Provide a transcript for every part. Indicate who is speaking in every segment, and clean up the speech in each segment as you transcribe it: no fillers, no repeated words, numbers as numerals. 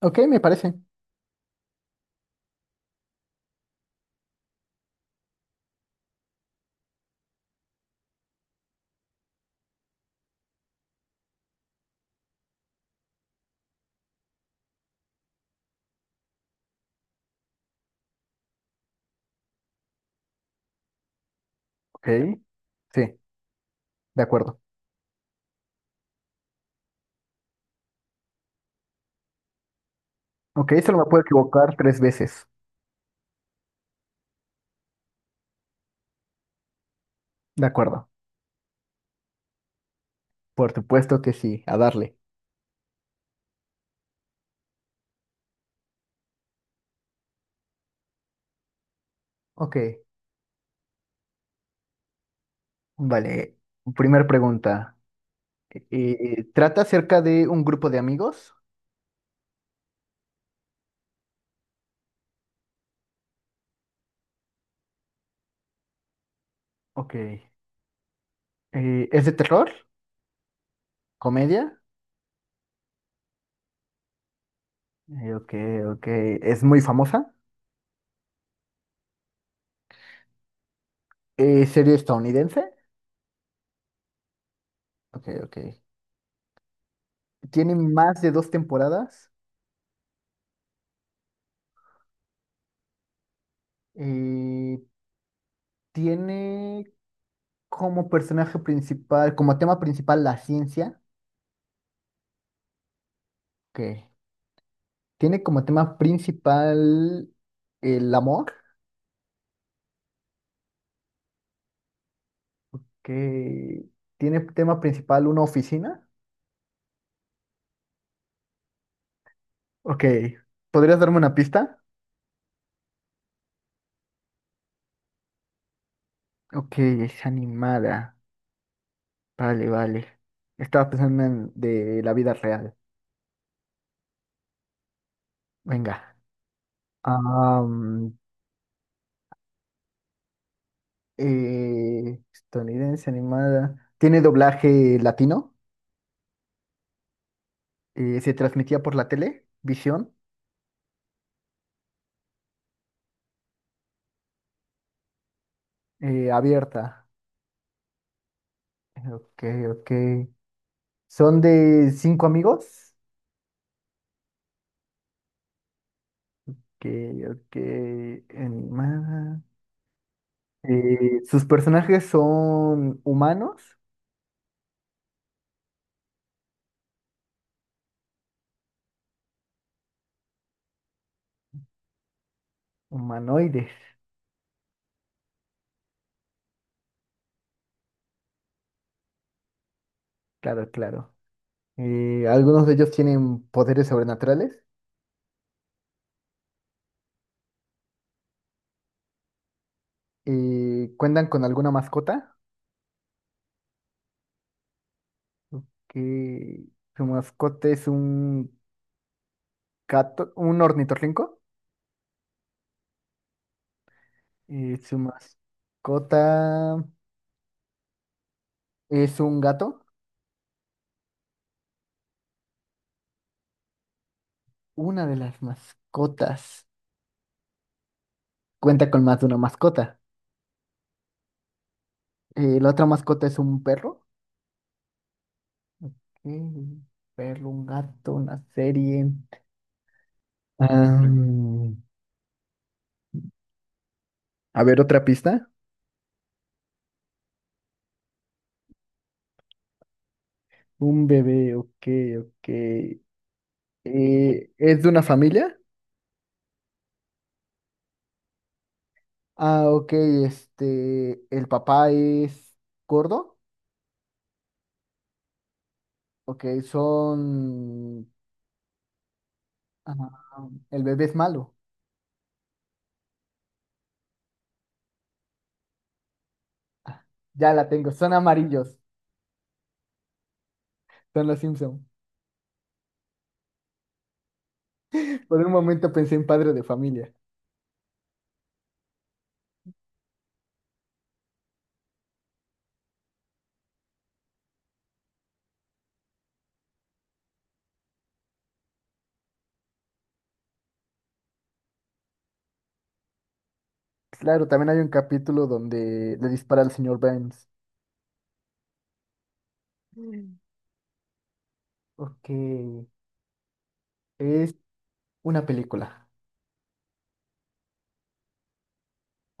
Speaker 1: Ok, me parece. Ok, sí, de acuerdo. Ok, solo me puedo equivocar 3 veces. De acuerdo. Por supuesto que sí, a darle. Ok, vale. Primer pregunta. ¿Trata acerca de un grupo de amigos? Ok. ¿Es de terror? ¿Comedia? Ok, ok. ¿Es muy famosa? ¿Serie estadounidense? Ok, ok. ¿Tiene más de 2 temporadas? Eh, ¿Tiene como personaje principal, como tema principal la ciencia? Que tiene como tema principal el amor, que tiene tema principal una oficina. Ok, ¿podrías darme una pista? Ok, es animada. Vale, vale. Estaba pensando en de la vida real. Venga. Am, estadounidense animada. ¿Tiene doblaje latino? ¿Se transmitía por la tele? ¿Visión? Eh, abierta. Ok, ok. ¿Son de 5 amigos? Ok, ok, animada. Sus personajes son humanos, humanoides, claro, claro. Algunos de ellos tienen poderes sobrenaturales. Cuentan con alguna mascota, que su mascota es un gato, un ornitorrinco. Su mascota es un gato. Una de las mascotas cuenta con más de una mascota. La otra mascota es un perro. Mm, ver un gato, una serie. Am, a ver, otra pista. Un bebé, ok, ok. ¿Es de una familia? Ah, ok, este, el papá es gordo. Ok, son, ah, el bebé es malo. Ah, ya la tengo, son amarillos, son los Simpson. Por un momento pensé en padre de familia. Claro, también hay un capítulo donde le dispara al señor Burns. Mm. Ok, una película.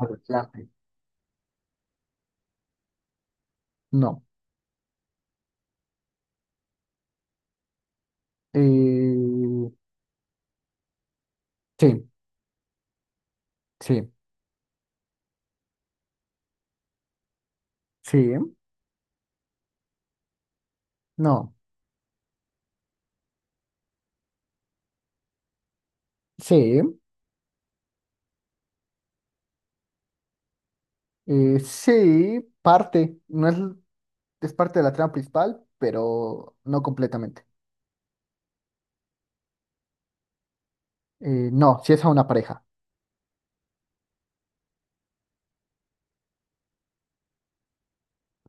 Speaker 1: A ver, la pe- No. Eh, sí, sí, sí, no. Sí, sí, parte. No es, es parte de la trama principal, pero no completamente. No, sí es a una pareja.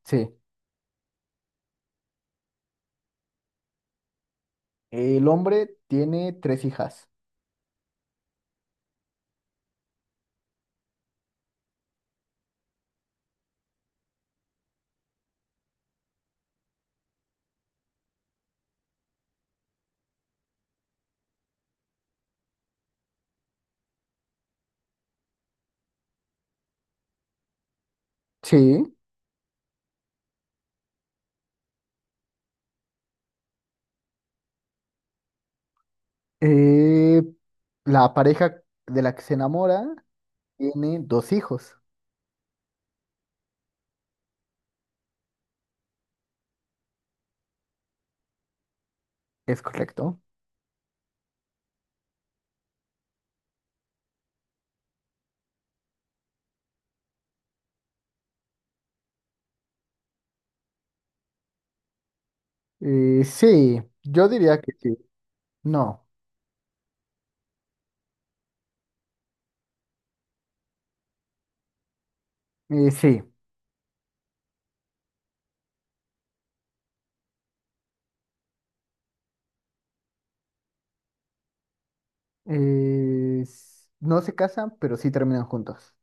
Speaker 1: Sí. El hombre tiene 3 hijas. Sí. Eh, la pareja de la que se enamora tiene 2 hijos. Es correcto. Sí, yo diría que sí. No. Sí. No se casan, pero sí terminan juntos.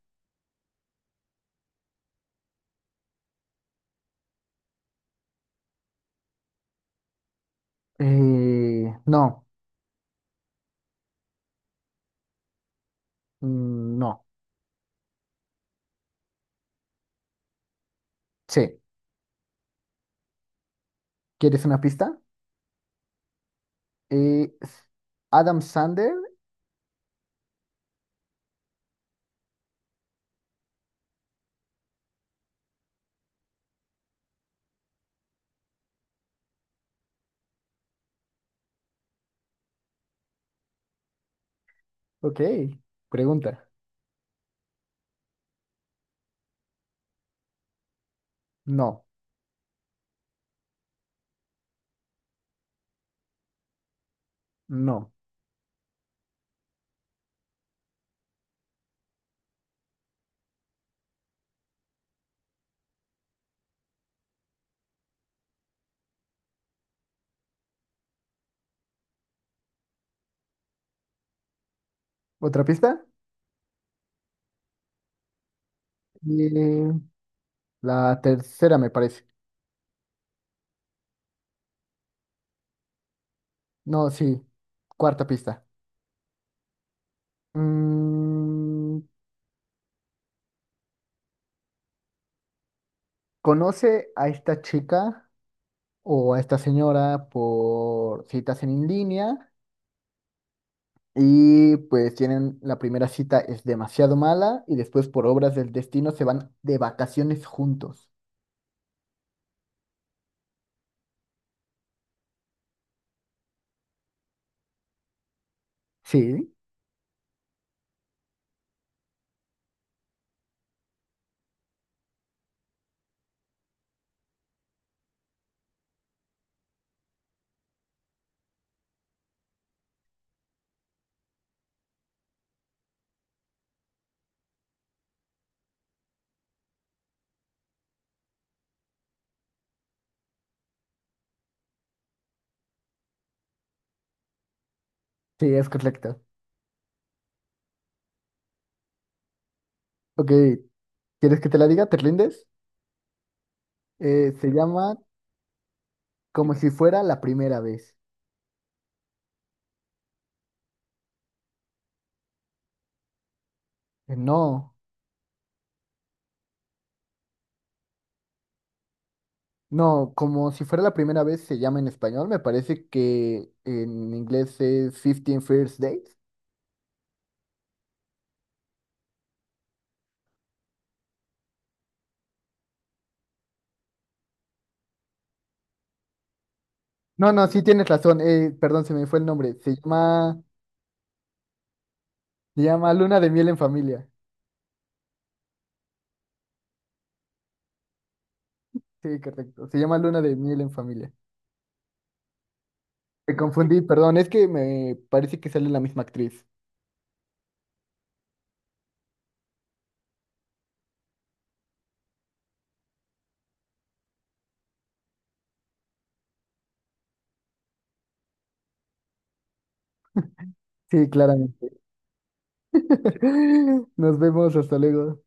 Speaker 1: No, mm, no, sí. ¿Quieres una pista? Eh, s- Adam Sander. Ok, pregunta. No, no. ¿Otra pista? Eh, la tercera me parece. No, sí. Cuarta pista. Mm, ¿conoce a esta chica o a esta señora por citas en línea? Y pues tienen, la primera cita es demasiado mala y después por obras del destino se van de vacaciones juntos. Sí. Sí, es correcto. Ok, ¿quieres que te la diga? ¿Te rindes? Se llama Como si fuera la primera vez. No, no, como si fuera la primera vez se llama en español. Me parece que en inglés es 15 First Dates. No, no, sí tienes razón. Perdón, se me fue el nombre. Se llama Luna de Miel en Familia. Sí, correcto. Se llama Luna de Miel en Familia. Me confundí, perdón, es que me parece que sale la misma actriz. Sí, claramente. Nos vemos, hasta luego.